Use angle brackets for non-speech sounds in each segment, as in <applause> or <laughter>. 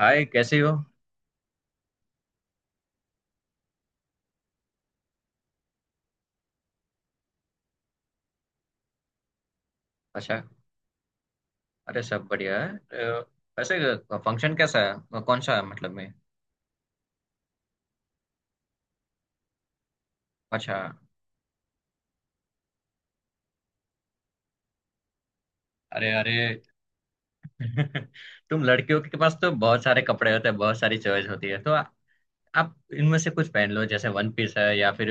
हाय, कैसी हो। अच्छा। अरे, सब बढ़िया है। वैसे फंक्शन कैसा है? कौन सा है मतलब में? अच्छा। अरे अरे। <laughs> तुम लड़कियों के पास तो बहुत सारे कपड़े होते हैं, बहुत सारी चॉइस होती है। तो आप इनमें से कुछ पहन लो, जैसे वन पीस है या फिर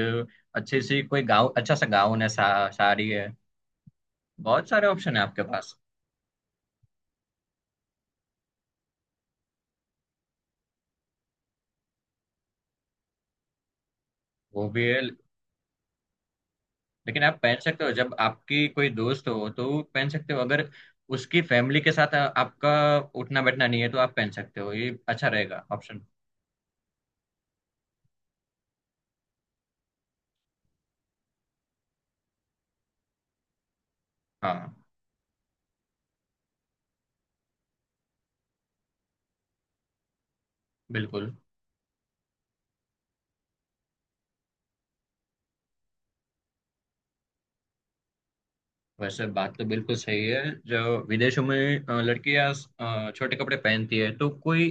अच्छी सी कोई गाउन, अच्छा सा गाउन है, साड़ी है। बहुत सारे ऑप्शन है आपके पास। वो भी है। लेकिन आप पहन सकते हो, जब आपकी कोई दोस्त हो तो पहन सकते हो, अगर उसकी फैमिली के साथ आपका उठना बैठना नहीं है तो आप पहन सकते हो, ये अच्छा रहेगा ऑप्शन। हाँ, बिल्कुल। वैसे बात तो बिल्कुल सही है। जो विदेशों में लड़कियां छोटे कपड़े पहनती है तो कोई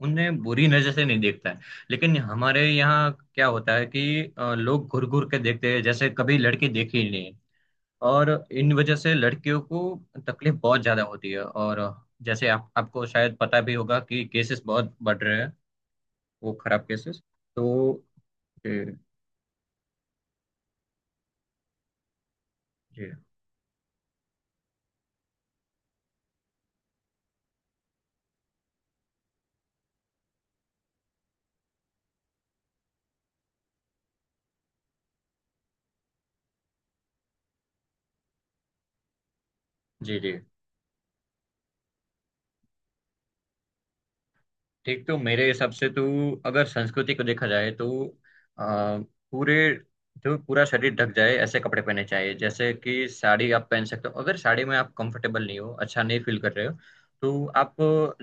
उन्हें बुरी नजर से नहीं देखता है। लेकिन हमारे यहाँ क्या होता है कि लोग घूर घूर के देखते हैं, जैसे कभी लड़की देखी ही नहीं है। और इन वजह से लड़कियों को तकलीफ बहुत ज्यादा होती है। और जैसे आप आपको शायद पता भी होगा कि केसेस बहुत बढ़ रहे हैं, वो खराब केसेस। तो। जी जी। जी जी। ठीक, तो मेरे हिसाब से तू, अगर संस्कृति को देखा जाए तो, आ, पूरे जो पूरा शरीर ढक जाए ऐसे कपड़े पहने चाहिए। जैसे कि साड़ी आप पहन सकते हो। अगर साड़ी में आप कंफर्टेबल नहीं हो, अच्छा नहीं फील कर रहे हो, तो आप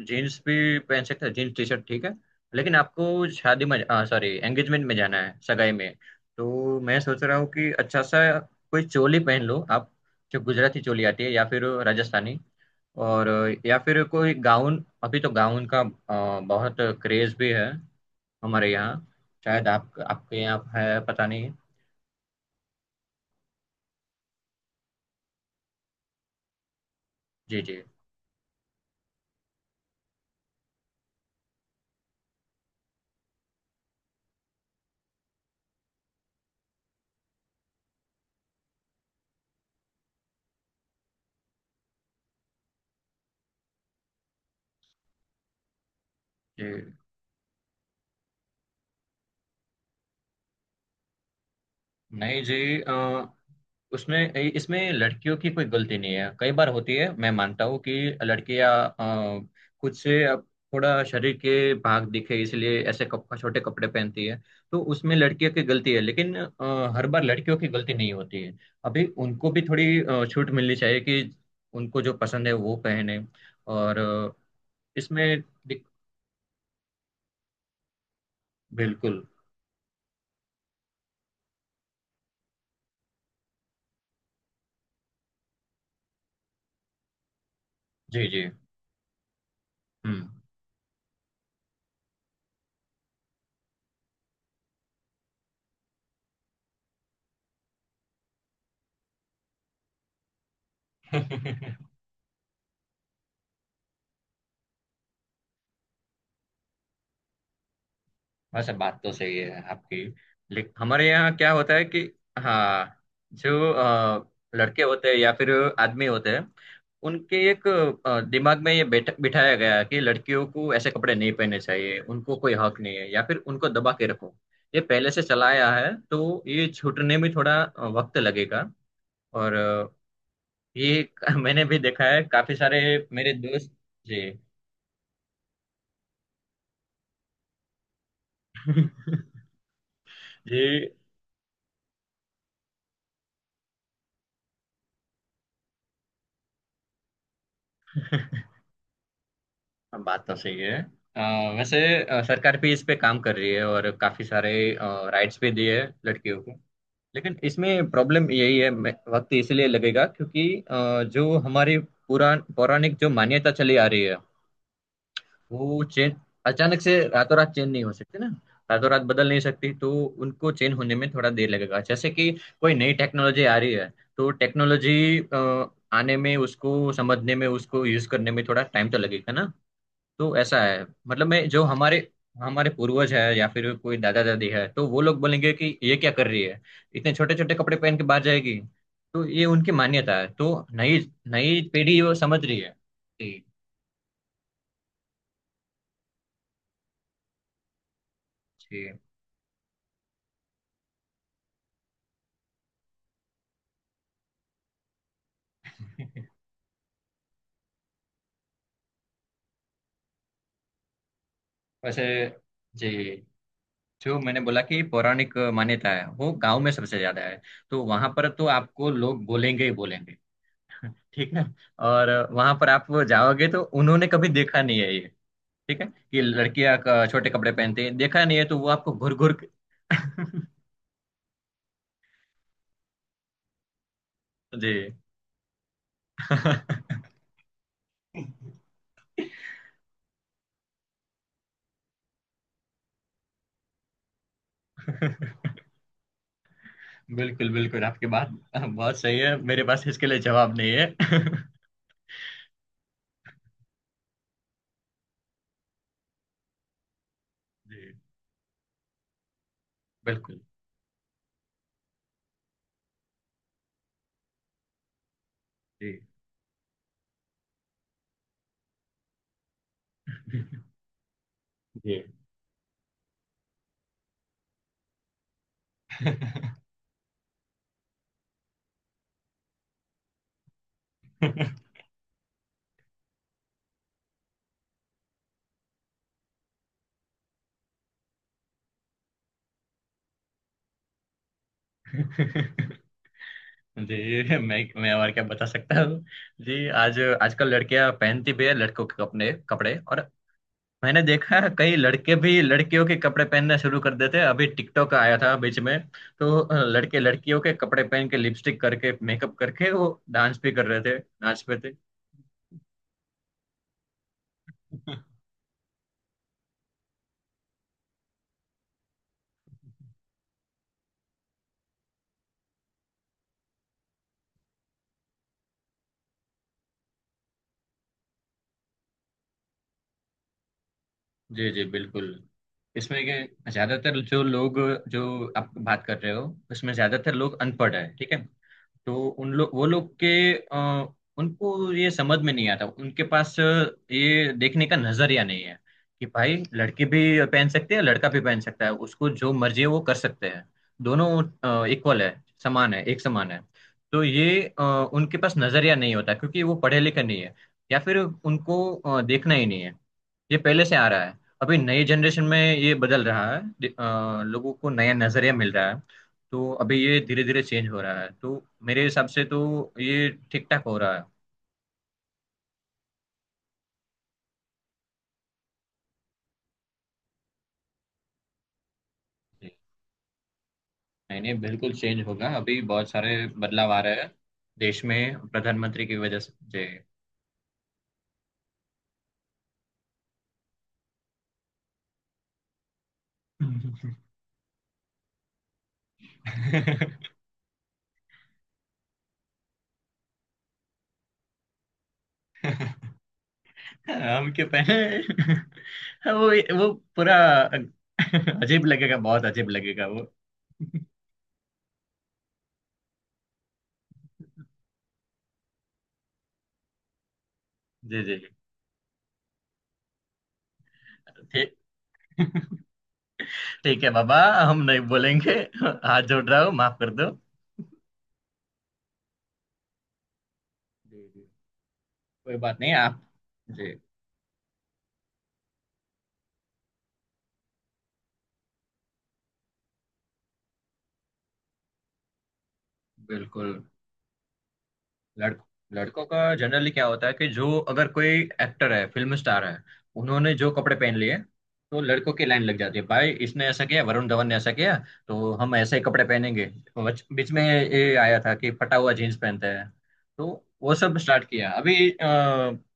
जीन्स भी पहन सकते हो। जीन्स टी शर्ट ठीक है। लेकिन आपको शादी में, सॉरी, एंगेजमेंट में जाना है, सगाई में, तो मैं सोच रहा हूँ कि अच्छा सा कोई चोली पहन लो आप। जो गुजराती चोली आती है, या फिर राजस्थानी। और या फिर कोई गाउन, अभी तो गाउन का बहुत क्रेज भी है हमारे यहाँ। शायद आप आपके यहाँ है, पता नहीं। जी जी। जी। नहीं जी। उसमें इसमें लड़कियों की कोई गलती नहीं है, कई बार होती है। मैं मानता हूँ कि लड़कियां अ, खुद से, अब थोड़ा शरीर के भाग दिखे इसलिए ऐसे छोटे कपड़े पहनती है। तो उसमें लड़कियों की गलती है, लेकिन हर बार लड़कियों की गलती नहीं होती है। अभी उनको भी थोड़ी छूट मिलनी चाहिए, कि उनको जो पसंद है वो पहने। और इसमें दिक- बिल्कुल। जी जी। हम्म। <laughs> वैसे बात तो सही है आपकी। लेकिन हमारे यहाँ क्या होता है कि, हाँ, जो लड़के होते हैं या फिर आदमी होते हैं, उनके एक दिमाग में ये बैठ बिठाया गया है कि लड़कियों को ऐसे कपड़े नहीं पहनने चाहिए, उनको कोई हक नहीं है, या फिर उनको दबा के रखो। ये पहले से चला आया है, तो ये छूटने में थोड़ा वक्त लगेगा। और ये <laughs> मैंने भी देखा है, काफी सारे मेरे दोस्त। जी। <laughs> जी। हाँ, बात तो सही है। अ, वैसे सरकार भी इस पे काम कर रही है, और काफी सारे राइट्स भी दिए हैं लड़कियों को। लेकिन इसमें प्रॉब्लम यही है, वक्त इसलिए लगेगा क्योंकि जो हमारी पुरान पौराणिक जो मान्यता चली आ रही है, वो चेंज अचानक से रातों रात चेंज नहीं हो सकती ना। रातों रात बदल नहीं सकती, तो उनको चेंज होने में थोड़ा देर लगेगा। जैसे कि कोई नई टेक्नोलॉजी आ रही है, तो टेक्नोलॉजी आने में, उसको समझने में, उसको यूज करने में थोड़ा टाइम तो लगेगा ना। तो ऐसा है, मतलब मैं, जो हमारे हमारे पूर्वज है या फिर कोई दादा दादी है, तो वो लोग बोलेंगे कि ये क्या कर रही है, इतने छोटे छोटे कपड़े पहन के बाहर जाएगी। तो ये उनकी मान्यता है। तो नई नई पीढ़ी वो समझ रही है। जी जी। <laughs> वैसे, जी, जो मैंने बोला कि पौराणिक मान्यता है, वो गांव में सबसे ज्यादा है। तो वहां पर तो आपको लोग बोलेंगे ही बोलेंगे। <laughs> ठीक है। और वहां पर आप जाओगे तो उन्होंने कभी देखा नहीं है ये, ठीक है, कि लड़कियां छोटे कपड़े पहनते हैं, देखा नहीं है, तो वो आपको घुर घुर के- जी, बिल्कुल, बिल्कुल आपकी बात। <laughs> बहुत सही है, मेरे पास इसके लिए जवाब नहीं है। जी, बिल्कुल। जी जी। <laughs> जी, मैं और क्या बता सकता हूँ। जी। आज आजकल लड़कियां पहनती भी है लड़कों के अपने कपड़े। और मैंने देखा है, कई लड़के भी लड़कियों के कपड़े पहनना शुरू कर देते हैं। अभी टिकटॉक आया था बीच में, तो लड़के लड़कियों के कपड़े पहन के, लिपस्टिक करके, मेकअप करके वो डांस भी कर रहे थे, नाच पे थे। <laughs> जी जी, बिल्कुल। इसमें के ज्यादातर जो लोग, जो आप बात कर रहे हो, उसमें ज्यादातर लोग अनपढ़ है, ठीक है। तो उन लोग वो लोग के उनको ये समझ में नहीं आता, उनके पास ये देखने का नजरिया नहीं है कि भाई लड़की भी पहन सकती है, लड़का भी पहन सकता है, उसको जो मर्जी है वो कर सकते हैं। दोनों इक्वल है, समान है, एक समान है। तो ये उनके पास नजरिया नहीं होता, क्योंकि वो पढ़े लिखे नहीं है, या फिर उनको देखना ही नहीं है। ये पहले से आ रहा है। अभी नई जनरेशन में ये बदल रहा है, लोगों को नया नजरिया मिल रहा है। तो अभी ये धीरे धीरे चेंज हो रहा है, तो मेरे हिसाब से तो ये ठीक ठाक हो रहा है। नहीं नहीं, बिल्कुल चेंज होगा। अभी बहुत सारे बदलाव आ रहे हैं देश में, प्रधानमंत्री की वजह से जे <laughs> हम क्यों पहने? <laughs> वो वो पूरा <laughs> अजीब लगेगा, बहुत अजीब लगेगा वो। जी जी। ठीक। <laughs> ठीक है बाबा, हम नहीं बोलेंगे। <laughs> हाथ जोड़ रहा हूँ, माफ कर दो। जी जी। कोई बात नहीं आप। जी, बिल्कुल। लड़ लड़कों का जनरली क्या होता है कि जो, अगर कोई एक्टर है, फिल्म स्टार है, उन्होंने जो कपड़े पहन लिए, तो लड़कों की लाइन लग जाती है, भाई इसने ऐसा किया, वरुण धवन ने ऐसा किया, तो हम ऐसे ही कपड़े पहनेंगे। बीच में ये आया था कि फटा हुआ जीन्स पहनते हैं, तो वो सब स्टार्ट किया। अभी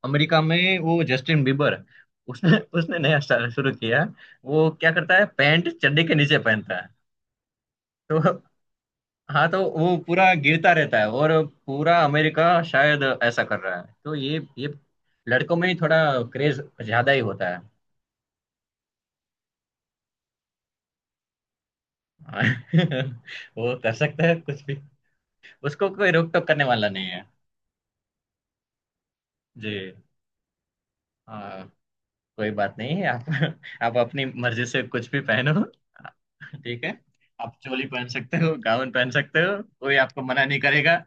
अमेरिका में वो जस्टिन बीबर, उसने उसने नया स्टाइल शुरू किया। वो क्या करता है, पैंट चड्डी के नीचे पहनता है, तो हाँ, तो वो पूरा गिरता रहता है। और पूरा अमेरिका शायद ऐसा कर रहा है, तो ये लड़कों में ही थोड़ा क्रेज ज्यादा ही होता है। <laughs> वो कर सकता है कुछ भी, उसको कोई रोक टोक करने वाला नहीं है। जी। हाँ, कोई बात नहीं है, आप अपनी मर्जी से कुछ भी पहनो, ठीक है। आप चोली पहन सकते हो, गाउन पहन सकते हो, कोई आपको मना नहीं करेगा।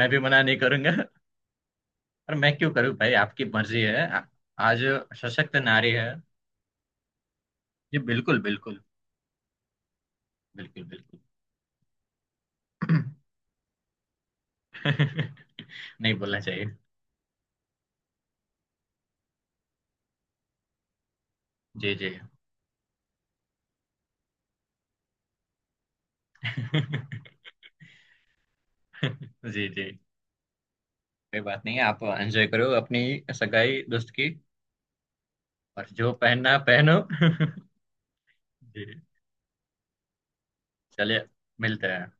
मैं भी मना नहीं करूंगा। और मैं क्यों करूँ भाई, आपकी मर्जी है। आज सशक्त नारी है। जी, बिल्कुल बिल्कुल। बिल्कुल बिल्कुल। <clears throat> <laughs> नहीं बोलना चाहिए। जी जी। <laughs> जी जी, कोई बात नहीं है, आप एंजॉय करो अपनी सगाई दोस्त की, और जो पहनना पहनो। जी, चलिए, मिलते हैं।